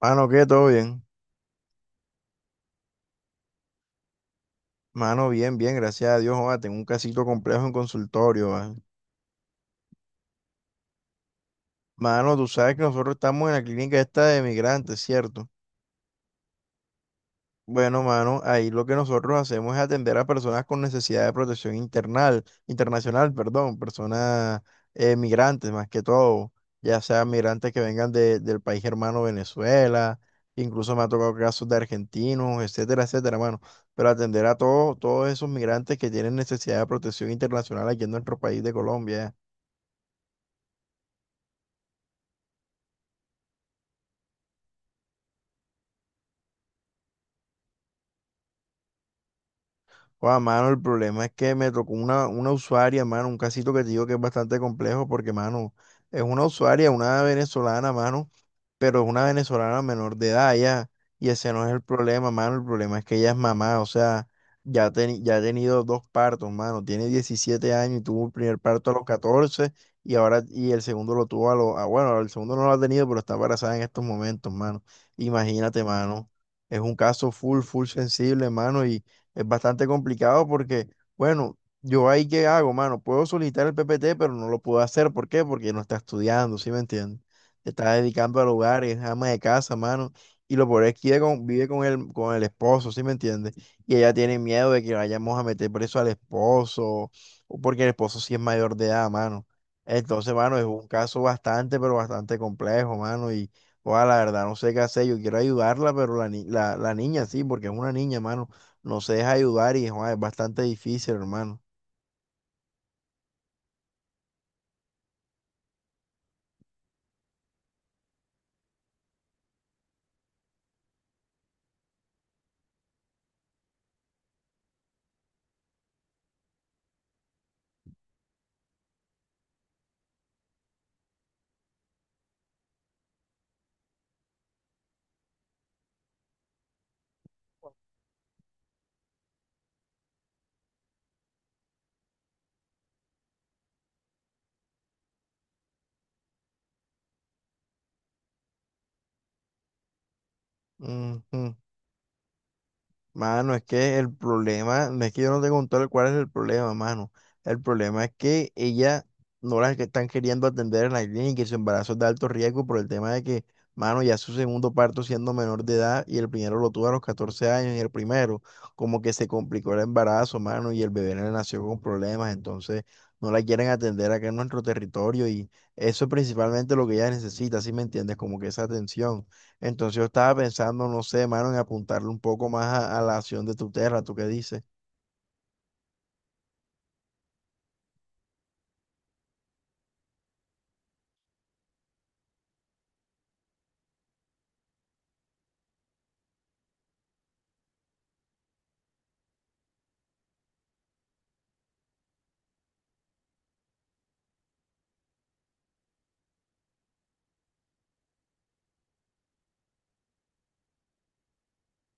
Mano, ¿qué? ¿Todo bien? Mano, bien, bien, gracias a Dios, joda, tengo un casito complejo en consultorio, ¿vale? Mano, tú sabes que nosotros estamos en la clínica esta de migrantes, ¿cierto? Bueno, mano, ahí lo que nosotros hacemos es atender a personas con necesidad de protección internal, internacional, perdón, personas migrantes más que todo, ya sea migrantes que vengan del país hermano Venezuela, incluso me ha tocado casos de argentinos, etcétera, etcétera, mano. Pero atender a todos, todos esos migrantes que tienen necesidad de protección internacional aquí en nuestro país de Colombia. Guau, mano, el problema es que me tocó una usuaria, mano, un casito que te digo que es bastante complejo porque, mano, es una usuaria, una venezolana, mano, pero es una venezolana menor de edad ya, y ese no es el problema, mano, el problema es que ella es mamá, o sea, ya ha tenido dos partos, mano, tiene 17 años y tuvo el primer parto a los 14 y ahora, y el segundo lo tuvo a los, bueno, el segundo no lo ha tenido, pero está embarazada en estos momentos, mano, imagínate, mano, es un caso full, full sensible, mano, es bastante complicado porque, bueno, yo ahí qué hago, mano, puedo solicitar el PPT, pero no lo puedo hacer. ¿Por qué? Porque no está estudiando, ¿sí me entiendes? Se está dedicando al hogar, es ama de casa, mano. Y lo peor es que vive con el esposo, ¿sí me entiendes? Y ella tiene miedo de que vayamos a meter preso al esposo, o porque el esposo sí es mayor de edad, mano. Entonces, mano, es un caso bastante, pero bastante complejo, mano. Y ojalá, la verdad, no sé qué hacer. Yo quiero ayudarla, pero la, ni- la niña sí, porque es una niña, mano, no se deja ayudar y joder, es bastante difícil, hermano. Ujú. Mano, es que el problema, no es que yo no te conté cuál es el problema, mano. El problema es que ella no las que están queriendo atender en la clínica y su embarazo es de alto riesgo por el tema de que, mano, ya su segundo parto siendo menor de edad y el primero lo tuvo a los 14 años y el primero como que se complicó el embarazo, mano, y el bebé le nació con problemas, entonces no la quieren atender acá en nuestro territorio y eso es principalmente lo que ella necesita, ¿si me entiendes? Como que esa atención. Entonces yo estaba pensando, no sé, mano, en apuntarle un poco más a, la acción de tu tierra, ¿tú qué dices?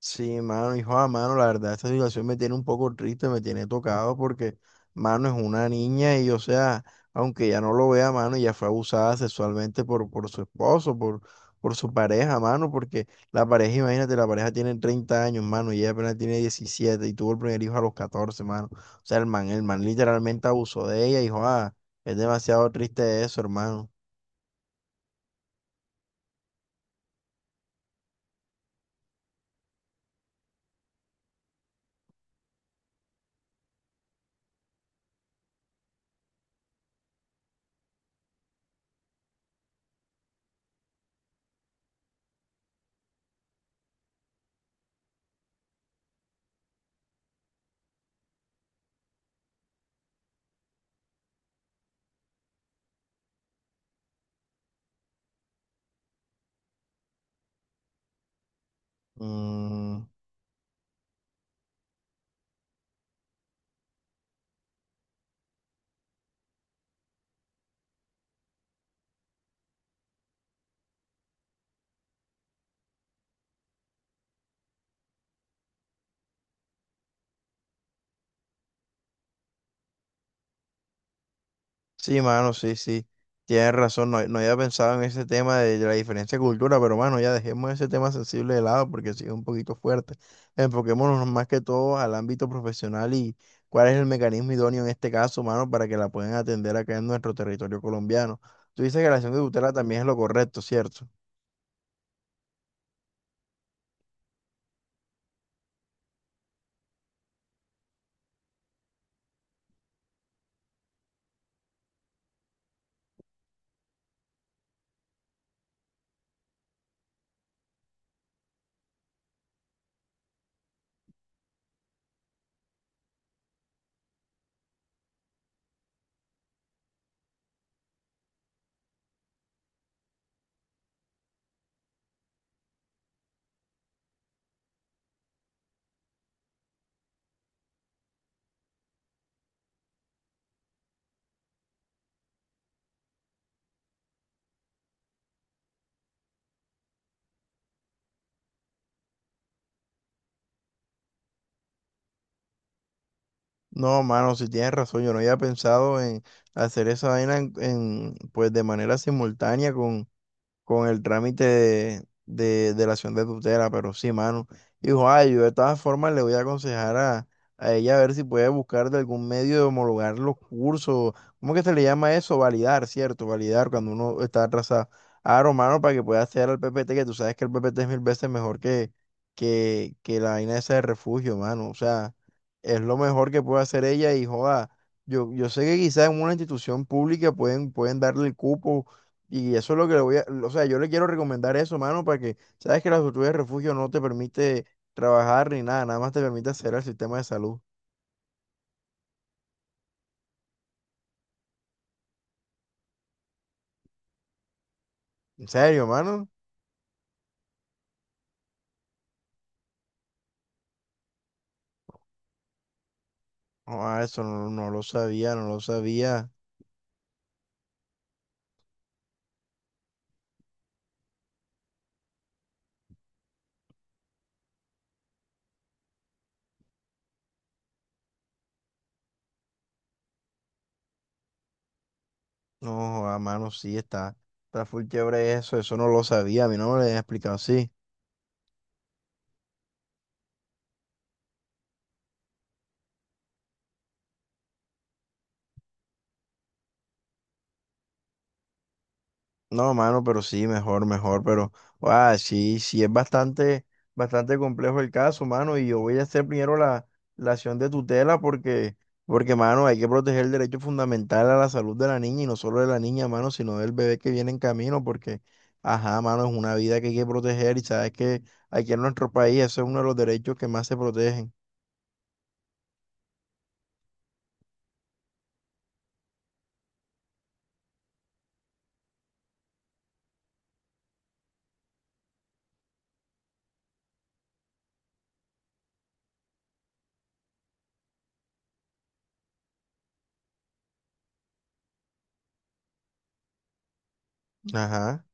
Sí, mano, hijo, mano, la verdad, esta situación me tiene un poco triste, me tiene tocado porque, mano, es una niña y, o sea, aunque ya no lo vea, mano, ya fue abusada sexualmente por su esposo, por su pareja, mano, porque la pareja, imagínate, la pareja tiene 30 años, mano, y ella apenas tiene 17 y tuvo el primer hijo a los 14, mano. O sea, el man literalmente abusó de ella, hijo, es demasiado triste eso, hermano. Mm, sí, mano, sí, sí. Tienes razón, no, no había pensado en ese tema de la diferencia de cultura, pero mano, ya dejemos ese tema sensible de lado porque sí es un poquito fuerte. Enfoquémonos más que todo al ámbito profesional y cuál es el mecanismo idóneo en este caso, mano, para que la puedan atender acá en nuestro territorio colombiano. Tú dices que la acción de tutela también es lo correcto, ¿cierto? No, mano, si tienes razón, yo no había pensado en hacer esa vaina pues de manera simultánea con el trámite de la acción de tutela, pero sí, mano. Dijo, ay, yo de todas formas le voy a aconsejar a ella a ver si puede buscar de algún medio de homologar los cursos. ¿Cómo que se le llama eso? Validar, ¿cierto? Validar cuando uno está atrasado. Ah, Romano, para que pueda hacer al PPT, que tú sabes que el PPT es mil veces mejor que la vaina esa de refugio, mano. O sea, es lo mejor que puede hacer ella y joda. Yo sé que quizás en una institución pública pueden darle el cupo y eso es lo que le voy a, o sea, yo le quiero recomendar eso, mano, para que, sabes que la solicitud de refugio no te permite trabajar ni nada, nada más te permite hacer el sistema de salud. ¿En serio, mano? No, eso no, no lo sabía, no lo sabía. No, a mano, sí, está full chévere eso. Eso no lo sabía, a mí no me lo habían explicado así. No, mano, pero sí, mejor, mejor, pero sí, sí, es bastante, bastante complejo el caso, mano, y yo voy a hacer primero la acción de tutela mano, hay que proteger el derecho fundamental a la salud de la niña y no solo de la niña, mano, sino del bebé que viene en camino, porque ajá, mano, es una vida que hay que proteger y sabes que aquí en nuestro país ese es uno de los derechos que más se protegen. Ajá.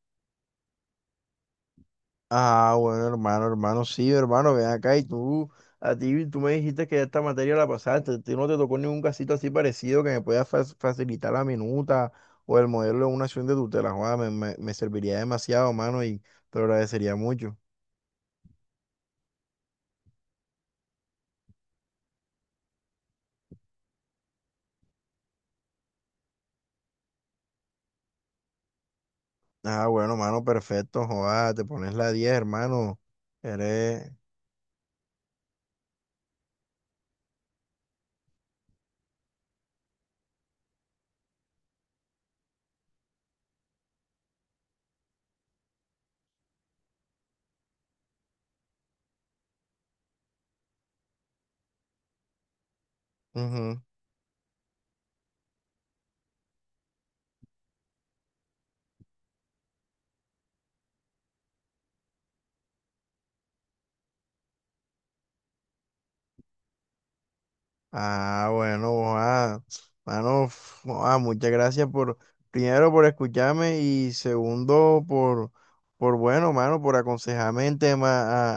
Ah, bueno, hermano, hermano, sí, hermano, ven acá y tú me dijiste que esta materia la pasaste, a ti no te tocó ningún casito así parecido que me pueda facilitar la minuta o el modelo de una acción de tutela, joda, me serviría demasiado, hermano, y te lo agradecería mucho. Ah, bueno, hermano, perfecto, joda, te pones la 10, hermano, eres... Ujú. Ah, bueno, mano, muchas gracias primero por escucharme y segundo por bueno, mano, por aconsejarme en tema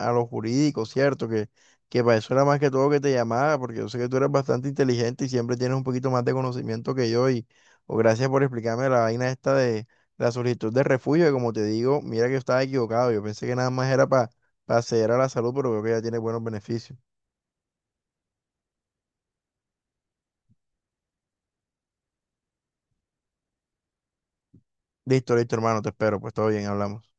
a, lo jurídico, ¿cierto? Que para eso era más que todo que te llamaba, porque yo sé que tú eres bastante inteligente y siempre tienes un poquito más de conocimiento que yo, o gracias por explicarme la vaina esta de la solicitud de refugio, que como te digo, mira que yo estaba equivocado, yo pensé que nada más era para acceder a la salud, pero veo que ya tiene buenos beneficios. Listo, listo, hermano, te espero, pues todo bien, hablamos.